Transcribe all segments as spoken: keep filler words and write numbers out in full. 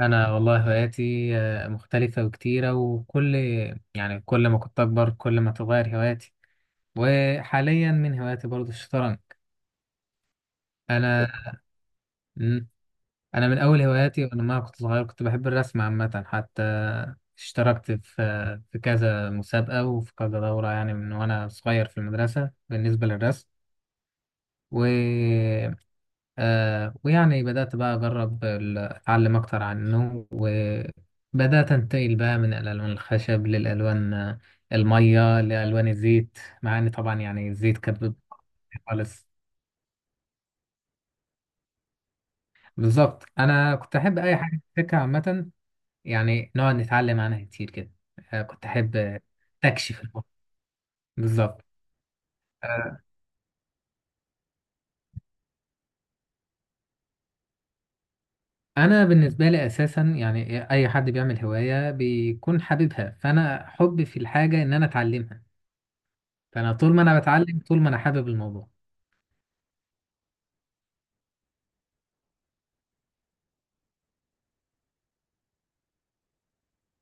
انا والله هواياتي، آه، مختلفه وكتيره وكل يعني كل ما كنت اكبر كل ما تتغير هواياتي. وحاليا من هواياتي برضو الشطرنج. انا مم، انا من اول هواياتي وانا ما كنت صغير، كنت بحب الرسم عامه. حتى اشتركت في في كذا مسابقه وفي كذا دوره، يعني من وانا صغير في المدرسه بالنسبه للرسم. و آه ويعني بدأت بقى أجرب ال- أتعلم أكتر عنه، وبدأت أنتقل بقى من الألوان الخشب للألوان آه، المية لألوان الزيت، مع إن طبعا يعني الزيت كان بيبقى خالص. بالظبط، أنا كنت أحب أي حاجة في السكة عامة، يعني نقعد نتعلم عنها كتير كده. آه كنت أحب آه، أستكشف الأرض. بالظبط. آه، أنا بالنسبة لي أساسا يعني أي حد بيعمل هواية بيكون حاببها، فأنا حبي في الحاجة إن أنا أتعلمها. فانا طول ما انا بتعلم طول ما انا حابب الموضوع.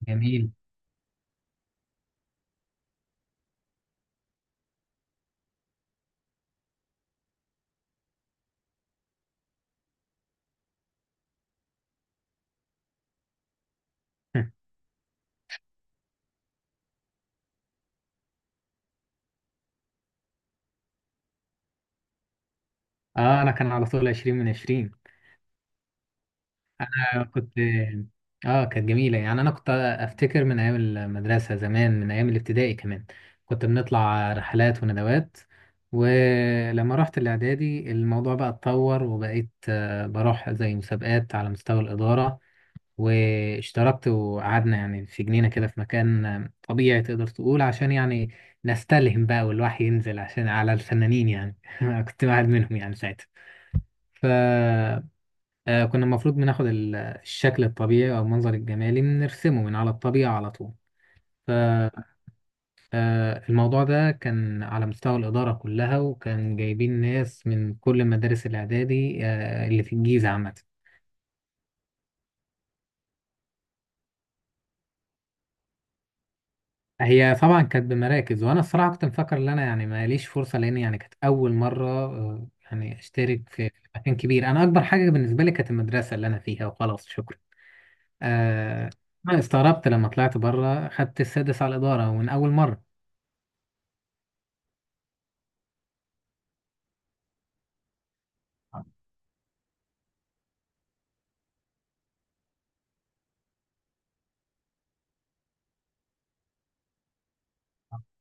جميل. اه، انا كان على طول عشرين من عشرين. انا كنت، اه كانت جميله، يعني انا كنت افتكر من ايام المدرسه زمان، من ايام الابتدائي كمان كنت بنطلع رحلات وندوات. ولما رحت الاعدادي الموضوع بقى اتطور، وبقيت آه، بروح زي مسابقات على مستوى الاداره. واشتركت وقعدنا يعني في جنينة كده، في مكان طبيعي تقدر تقول، عشان يعني نستلهم بقى والوحي ينزل عشان على الفنانين يعني. أنا كنت واحد منهم يعني ساعتها. فكنا المفروض بناخد ال- الشكل الطبيعي أو المنظر الجمالي بنرسمه من على الطبيعة على طول. فالموضوع ده كان على مستوى الإدارة كلها، وكان جايبين ناس من كل مدارس الإعدادي آه، اللي في الجيزة عامة. هي طبعا كانت بمراكز، وانا الصراحه كنت مفكر ان انا يعني ماليش فرصه، لان يعني كانت اول مره آه، يعني اشترك في في مكان كبير. انا اكبر حاجه بالنسبه لي كانت المدرسه اللي انا فيها وخلاص، شكرا. آه انا استغربت لما طلعت بره خدت السادس على الاداره، ومن اول مره.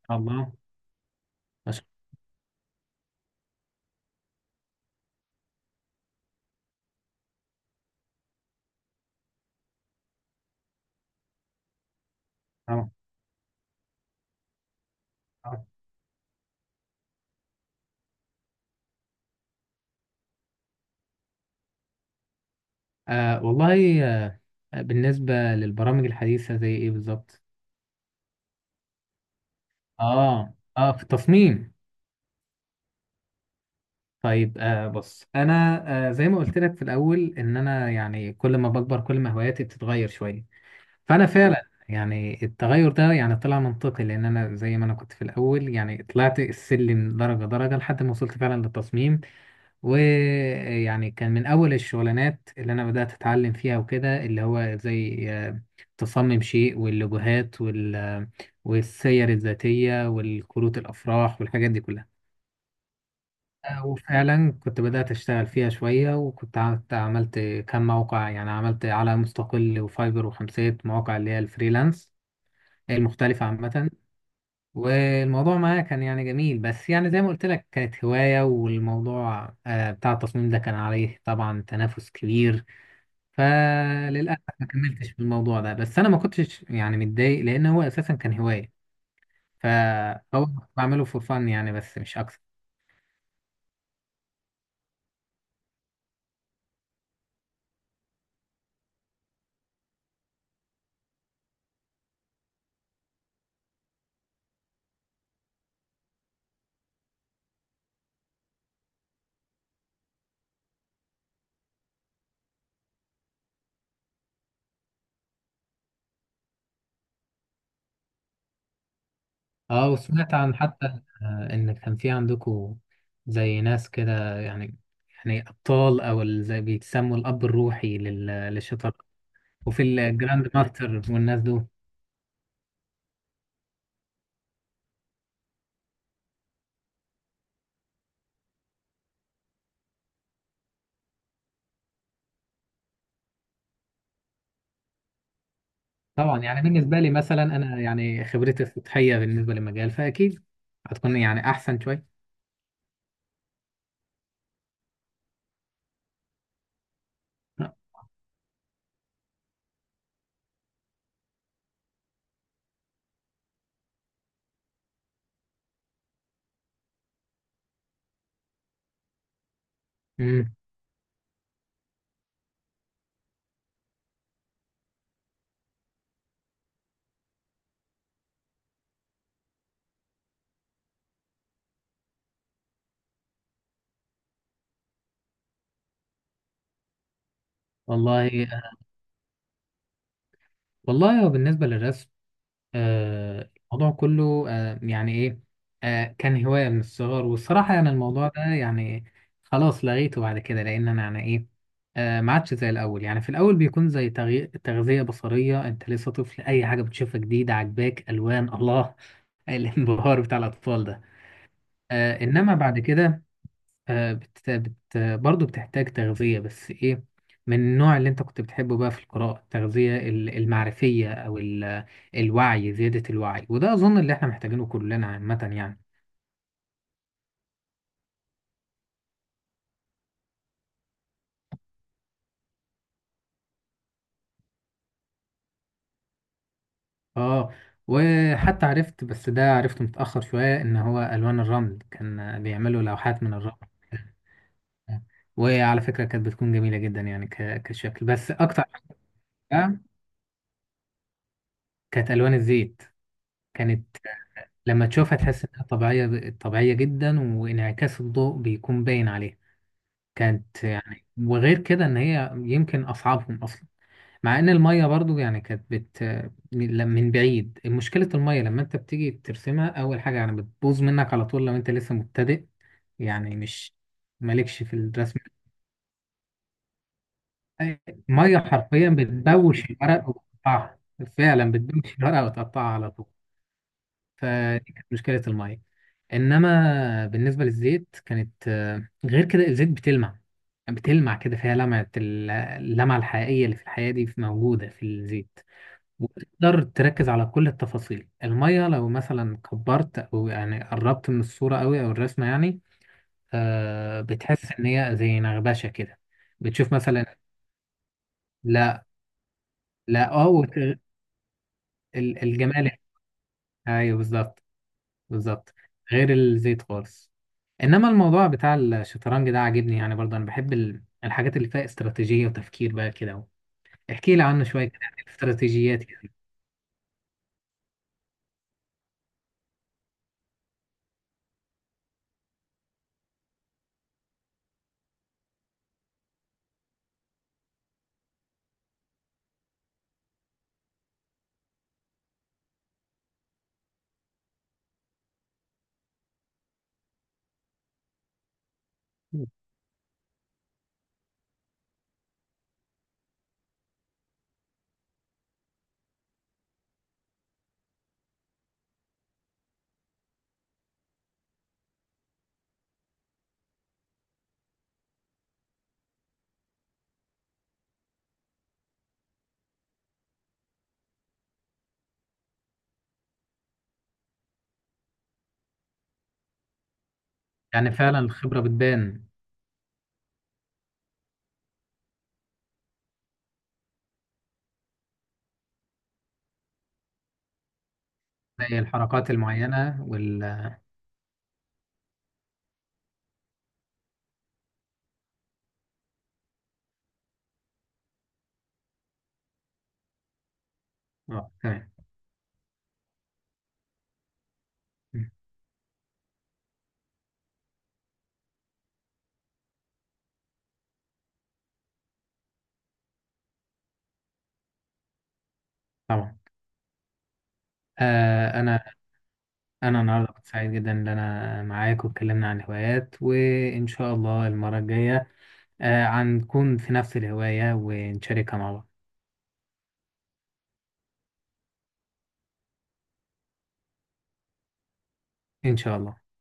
الله. ما شاء الله. طبعاً. آه والله. آه بالنسبه للبرامج الحديثه زي ايه بالظبط؟ اه، اه، في التصميم. طيب، آه بص انا. آه زي ما قلت لك في الاول، ان انا يعني كل ما بكبر كل ما هواياتي بتتغير شويه. فانا فعلا يعني التغير ده يعني طلع منطقي، لان انا زي ما انا كنت في الاول يعني طلعت السلم درجه درجه لحد ما وصلت فعلا للتصميم. ويعني كان من اول الشغلانات اللي انا بدات اتعلم فيها وكده، اللي هو زي آه، تصمم شيء واللوجوهات وال آه، والسير الذاتيه والكروت الافراح والحاجات دي كلها. وفعلا كنت بدأت أشتغل فيها شوية، وكنت عملت عملت كم موقع، يعني عملت على مستقل وفايبر وخمسات، مواقع اللي هي الفريلانس المختلفة عامة. والموضوع معايا كان يعني جميل، بس يعني زي ما قلت لك كانت هواية، والموضوع آه، بتاع التصميم ده كان عليه طبعا تنافس كبير. فللأسف ما كملتش في الموضوع ده، بس أنا ما كنتش يعني متضايق لأن هو أساسا كان هواية. فهو بعمله فور فن يعني، بس مش أكتر. اه، وسمعت عن حتى آه، ان كان في عندكم زي ناس كده، يعني يعني ابطال، او ال- زي بيتسموا الاب الروحي لل- للشطر. وفي الجراند ماستر والناس دول. طبعا يعني بالنسبه لي مثلا انا يعني خبرتي السطحيه بالنسبه للمجال، فاكيد هتكون يعني احسن شويه. أمم، والله. آه، والله هو بالنسبه للرسم، آه، الموضوع كله آه، يعني ايه. آه، كان هواية من الصغر، والصراحة يعني الموضوع ده يعني خلاص لغيته بعد كده، لأن أنا يعني ايه. آه، ما عادش زي الأول. يعني في الأول بيكون زي تغي- تغذية بصرية، أنت لسه طفل أي حاجة بتشوفها جديدة عجباك، ألوان، الله. الانبهار بتاع الأطفال ده. آه، إنما بعد كده آه، بت... بت... برضه بتحتاج تغذية، بس إيه؟ من النوع اللي أنت كنت بتحبه بقى في القراءة، التغذية ال- المعرفية أو ال... الوعي، زيادة الوعي، وده أظن اللي إحنا محتاجينه كلنا عامة يعني. آه وحتى عرفت، بس ده عرفته متأخر شوية، إن هو ألوان الرمل كان بيعملوا لوحات من الرمل. وعلى فكرة كانت بتكون جميلة جدا، يعني ك... كشكل. بس أكتر حاجة كانت ألوان الزيت. كانت لما تشوفها تحس إنها طبيعية طبيعية جدا، وانعكاس الضوء بيكون باين عليها. كانت يعني، وغير كده ان هي يمكن اصعبهم اصلا. مع ان الميه برضو يعني كانت بت من من بعيد مشكله الميه. لما انت بتيجي ترسمها اول حاجه يعني بتبوظ منك على طول، لو انت لسه مبتدئ يعني مش مالكش في الرسم. ميه حرفيا بتبوش الورق وتقطعها. فعلا بتبوش الورق وتقطعها على طول. فدي كانت مشكله الميه. انما بالنسبه للزيت كانت آه، غير كده. الزيت بتلمع، بتلمع كده فيها لمعه، ال- اللمعه الحقيقيه اللي في الحياه دي، في- موجوده في الزيت. وتقدر تركز على كل التفاصيل. الميه لو مثلا كبرت او يعني قربت من الصوره قوي او الرسمه، يعني آه، بتحس ان هي زي نغبشه كده. بتشوف مثلا، لا، لا، اه. وت- ال- الجمال. ايوه بالظبط. بالظبط، غير الزيت خالص. انما الموضوع بتاع الشطرنج ده عاجبني يعني برضه. انا بحب ال- الحاجات اللي فيها استراتيجية وتفكير بقى كده. احكي لي عنه شوية كده، يعني الاستراتيجيات يعني. يعني فعلا الخبرة بتبان. زي الحركات المعينة وال آه، تمام. مم، طبعا. آه انا انا النهارده كنت سعيد جدا ان انا معاك واتكلمنا عن هوايات، وان شاء الله المرة الجاية آه هنكون في نفس الهواية ونشاركها مع بعض. ان شاء الله.